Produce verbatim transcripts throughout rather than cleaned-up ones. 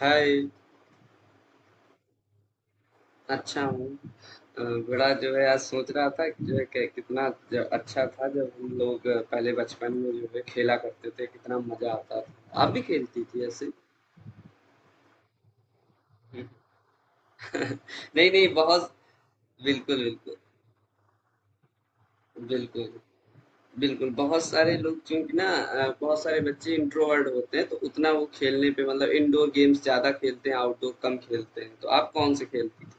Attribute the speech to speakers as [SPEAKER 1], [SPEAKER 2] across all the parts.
[SPEAKER 1] हाय, अच्छा हूँ। अ, बड़ा जो है आज सोच रहा था कि जो है कि कितना ज अच्छा था जब हम लोग अ, पहले बचपन में जो है खेला करते थे, कितना मज़ा आता था। आप भी खेलती थी ऐसे? नहीं, नहीं बहुत बिल्कुल, बिल्कुल। बिल्कुल, बिल्कुल। बहुत सारे लोग चूँकि ना अ, बहुत सारे बच्चे इंट्रोवर्ट होते हैं तो उतना वो खेलने पे मतलब इनडोर गेम्स ज़्यादा खेलते हैं, आउटडोर कम खेलते हैं। तो आप कौन से खेलती थी?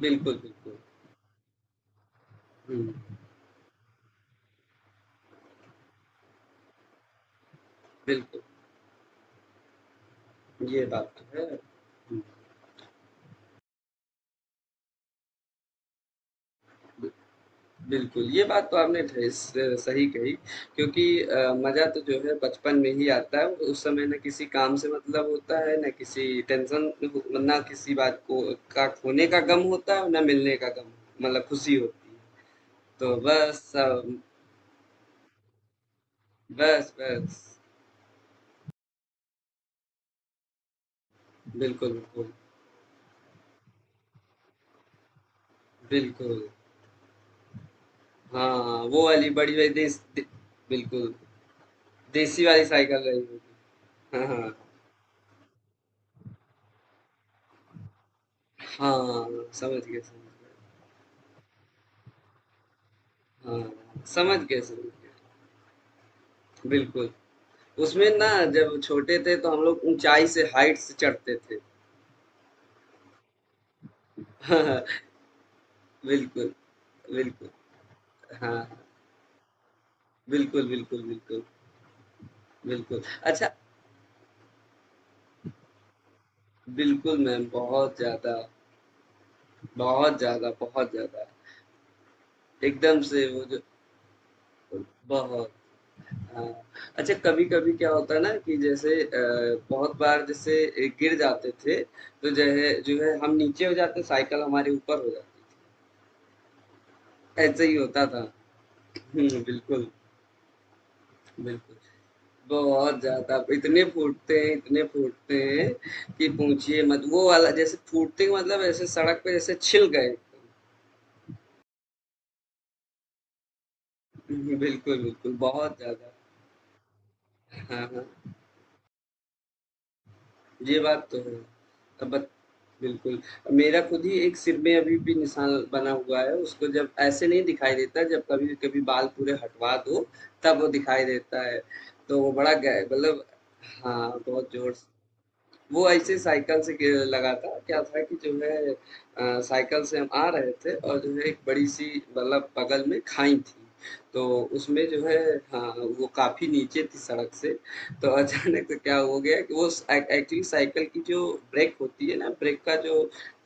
[SPEAKER 1] बिल्कुल, बिल्कुल। हुँ, बिल्कुल। ये बात तो है। हुँ। बिल्कुल, ये बात तो आपने ढे स सही कही क्योंकि अ, मज़ा तो जो है बचपन में ही आता है, उस समय ना किसी काम से मतलब होता है, ना किसी टेंशन हो ना किसी बात को का खोने का गम होता है और ना मिलने का गम, मतलब खुशी होती है। तो बस सब बस, बस। बिल्कुल, बिल्कुल। बिल्कुल। हाँ, वो वाली बड़ी वाली देस दे बिल्कुल, देसी वाली साइकिल रही होगी। हाँ, हाँ। हाँ, समझ गए, समझ गए। हाँ, समझ गए, समझ गए। बिल्कुल, उसमें ना जब छोटे थे तो हम लोग ऊँचाई से हाइट से चढ़ते थे। बिल्कुल, बिल्कुल। हाँ, बिल्कुल, बिल्कुल, बिल्कुल, बिल्कुल। अच्छा बिल्कुल मैम, बहुत ज़्यादा, बहुत ज़्यादा, बहुत ज़्यादा। एकदम से वो जो बहुत, हाँ। अच्छा कभी-कभी क्या होता है ना कि जैसे अ, बहुत बार जैसे ए, गिर जाते थे, तो जो है जो है हम नीचे हो जाते, साइकिल हमारे ऊपर हो जाती थी। ऐसे ही होता था। हुँ, बिल्कुल, बिल्कुल। बहुत ज़्यादा, इतने फूटते हैं, इतने फूटते हैं कि पूछिए मत। वो वाला जैसे फूटते का मतलब ऐसे सड़क पे जैसे छिल गए। बिल्कुल, बिल्कुल, बहुत ज़्यादा। हाँ, हाँ, ये बात तो है। अब बत बिल्कुल, मेरा खुद ही एक सिर में अभी भी निशान बना हुआ है, उसको जब ऐसे नहीं दिखाई देता, जब कभी-कभी बाल पूरे हटवा दो, तब वो दिखाई देता है। तो वो बड़ा गह मतलब हाँ, बहुत जोर से वो ऐसे साइकिल से ग लगा था। क्या था कि जो है अ, साइकिल से हम आ रहे थे और जो है एक बड़ी-सी मतलब बगल में खाई थी। तो उसमें जो है हाँ, वो काफ़ी नीचे थी सड़क से, तो अचानक से क्या हो गया कि वो स ए एक्चुअली साइकिल की जो ब्रेक होती है ना, ब्रेक का जो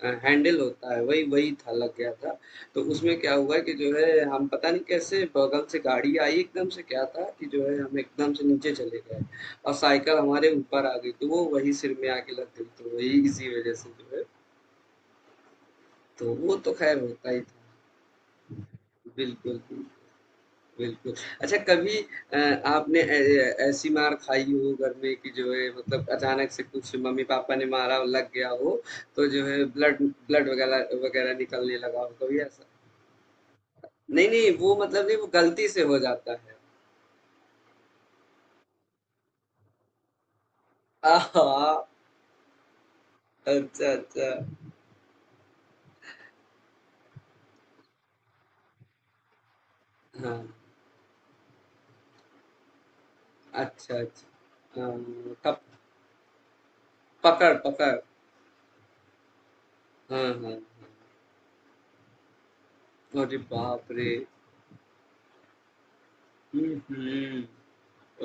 [SPEAKER 1] अ, हैंडल होता है, वही वही था, लग गया था। तो उसमें क्या हुआ कि जो है हम पता नहीं कैसे बगल से गाड़ी आई एकदम से क्या था कि जो है हम एकदम से नीचे चले गए। और साइकिल हमारे ऊपर आ गई तो वो वही सिर में आके लग गई तो वही इसी वजह से जो है तो वो तो खैर होता ही था। बिल्कुल। बिल्कुल। अच्छा कभी अ, आपने ऐ- ऐसी मार खाई हो घर में कि जो है मतलब अचानक से कुछ मम्मी पापा ने मारा और लग गया हो तो जो है ब्लड ब्लड वगैरह वगैरह निकलने लगा हो कभी ऐसा। नहीं नहीं वो मतलब नहीं वो गलती से हो जाता है। आहा। अच्छा अच्छा। हाँ। अच्छा अच्छा। हाँ, कप- पकड़ पकड़। हाँ, हाँ, हाँ। अरे बाप रे! हुँ, हुँ।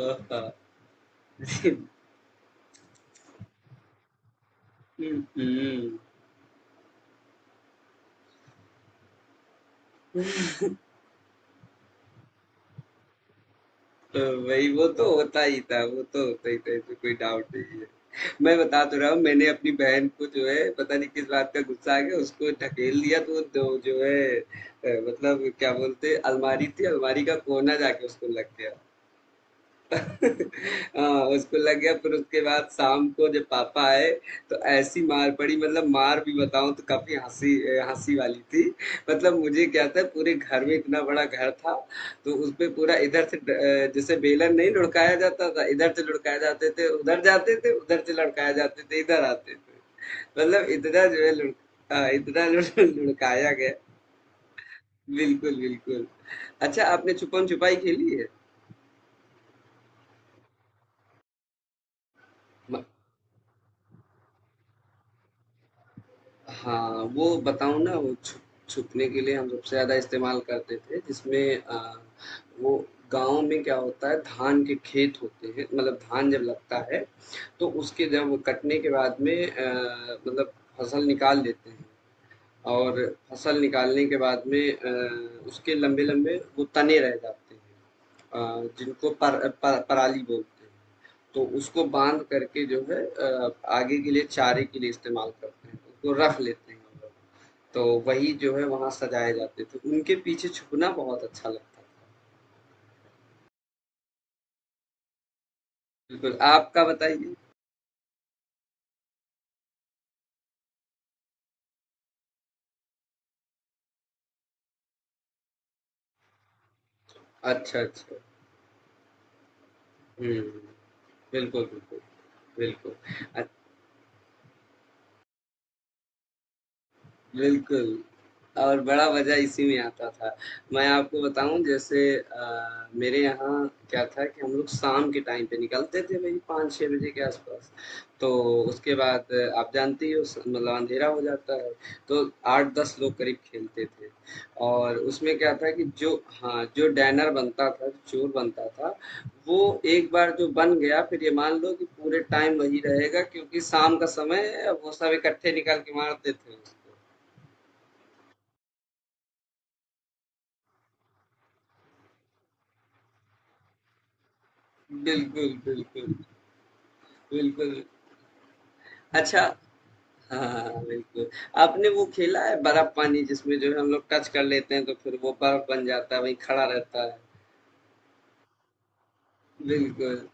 [SPEAKER 1] आहा! हुँ, हुँ। वही वो तो होता ही था, वो तो होता ही था, इसमें कोई डाउट नहीं है। मैं बता तो रहा हूँ मैंने अपनी बहन को जो है पता नहीं किस बात का गुस्सा आ गया उसको ढकेल दिया तो वो दो जो है अ, मतलब क्या बोलते हैं अलमारी थी, अलमारी का कोना जाके उसको लग गया। हाँ, उसको लग गया फिर उसके बाद शाम को जब पापा आए तो ऐसी मार पड़ी मतलब मार भी बताऊं तो काफी हंसी हंसी वाली थी। मतलब मुझे क्या था पूरे घर में इतना बड़ा घर था तो उस पे पूरा इधर से ड- जैसे बेलन नहीं लुढ़काया जाता था इधर से लुढ़काए जाते थे उधर जाते थे उधर से लुढ़काए जाते थे इधर आते थे मतलब इतना जो है लुढ़ हाँ, इतना लुढ़- लुढ़काया गया। बिल्कुल बिल्कुल। अच्छा आपने छुपन छुपाई खेली है। हाँ, वो बताऊँ ना वो छुप छुपने के लिए हम सबसे ज़्यादा इस्तेमाल करते थे जिसमें अ, वो गाँव में क्या होता है धान के खेत होते हैं मतलब धान जब लगता है, तो उसके जब वो कटने के बाद में अ, मतलब फसल निकाल लेते हैं। और फसल निकालने के बाद में अ, उसके लंबे-लंबे वो तने रह जाते हैं अ, जिनको पर, पर पराली बोलते हैं। तो उसको बांध करके जो है अ, आगे के लिए चारे के लिए इस्तेमाल करते हैं उसको रख लेते हैं हम लोग। तो वही जो है वहाँ सजाए जाते थे उनके पीछे छुपना बहुत अच्छा लगता था। बिल्कुल आपका बताइए। अच्छा अच्छा। हम्म बिल्कुल बिल्कुल बिल्कुल बिल्कुल, और बड़ा मज़ा इसी में आता था। मैं आपको बताऊँ जैसे अ, मेरे यहाँ क्या था कि हम लोग शाम के टाइम पे निकलते थे वही पाँच छह बजे के आस-पास। तो उसके बाद अ, आप जानती हो स मतलब अँधेरा हो जाता है, तो आठ दस लोग करीब खेलते थे और उसमें क्या था कि जो हाँ, जो डैनर बनता था, जो चोर बनता था, वो एक बार जो बन गया फिर ये मान लो कि पूरे टाइम वही रहेगा क्योंकि शाम का समय वो सब इकट्ठे निकल के मारते थे उसको। बिल्कुल, बिल्कुल, बिल्कुल। अच्छा हाँ, बिल्कुल। आपने वो खेला है बर्फ पानी जिसमें जो है हम लोग टच कर लेते हैं तो फिर वो बर्फ बन जाता है, वहीं खड़ा रहता है। बिल्कुल।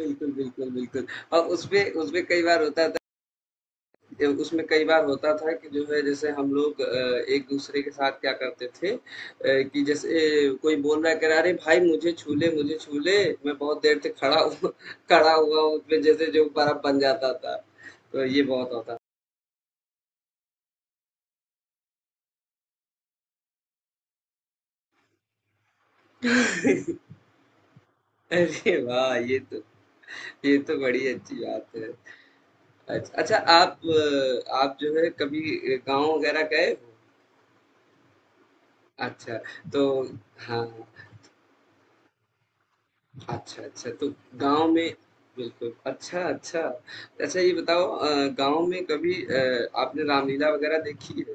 [SPEAKER 1] बिल्कुल, बिल्कुल, बिल्कुल और उसपे उसपे कई बार होता था अ, उसमें कई बार होता था कि जो है जैसे हम लोग अ, एक दूसरे के साथ क्या करते थे अ, कि जैसे कोई बोल रहा है कह रहा है, "अरे भाई मुझे छू ले, मुझे छू ले, मैं बहुत देर से खड़ा हूँ खड़ा हुआ हूँ।" उसमें जैसे जो बर्फ बन जाता था। तो ये बहुत होता अरे वाह ये तो ये तो बड़ी अच्छी बात है। अच्छा अच्छा आप अ, आप जो है कभी गांव वगैरह गए हो। अच्छा। तो हाँ अच्छा अच्छा तो गांव में बिल्कुल अच्छा अच्छा। अच्छा ये बताओ अ, गांव में कभी अ, आपने रामलीला वगैरह देखी है।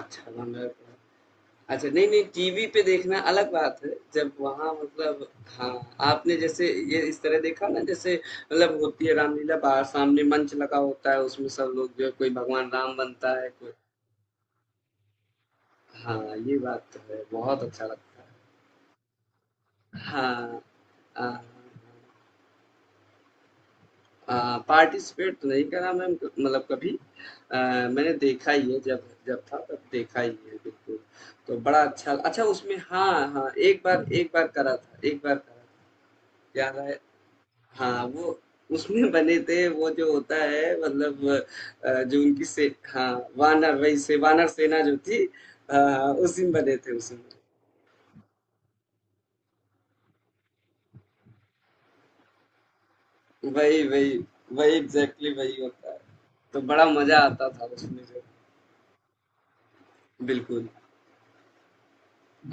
[SPEAKER 1] अच्छा रामलीला तो अच्छा, नहीं-नहीं टीवी पे देखना अलग बात है, जब वहाँ मतलब हाँ, आपने जैसे ये इस तरह देखा ना जैसे मतलब होती है रामलीला बाहर सामने मंच लगा होता है, उसमें सब लोग जो है कोई भगवान राम बनता है, कोई हाँ, ये बात तो है, बहुत अच्छा लगता है। हाँ। अ, अ, पार्टिसिपेट तो नहीं करा मैम मतलब कभी अ, मैंने देखा ही है जब जब था तब देखा ही है बिल्कुल, तो बड़ा अच्छा अच्छा उसमें हाँ, हाँ, एक बार एक बार करा था, एक बार करा था, याद आया हाँ, वो उसमें बने थे वो जो होता है मतलब अ, जो उनकी से हाँ, वानर वही से वानर सेना जो थी अ, उसी में बने थे उसमें वही वही वही एग्जैक्टली exactly वही होता है। तो बड़ा मजा आता था उसमें जो बिल्कुल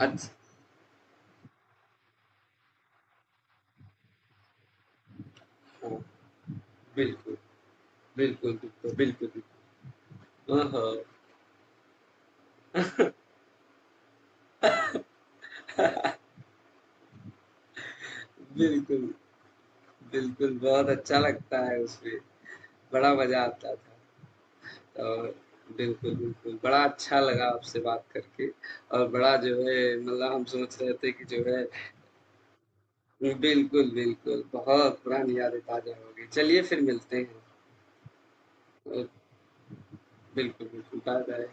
[SPEAKER 1] अच्छा हाँ बिल्कुल बिल्कुल बिल्कुल बिल्कुल बिल्कुल हाँ हाँ, बिल्कुल बिल्कुल बहुत अच्छा लगता है उसमें बड़ा मजा आता था। और बिल्कुल, बिल्कुल। बड़ा अच्छा लगा आपसे बात करके और बड़ा जो है मतलब हम सोच रहे थे कि जो है हुँ, बिल्कुल, बिल्कुल। बहुत पुरानी यादें ताज़ा हो गई। चलिए फिर मिलते हैं। अ, बिल्कुल, बिल्कुल। बाय-बाय।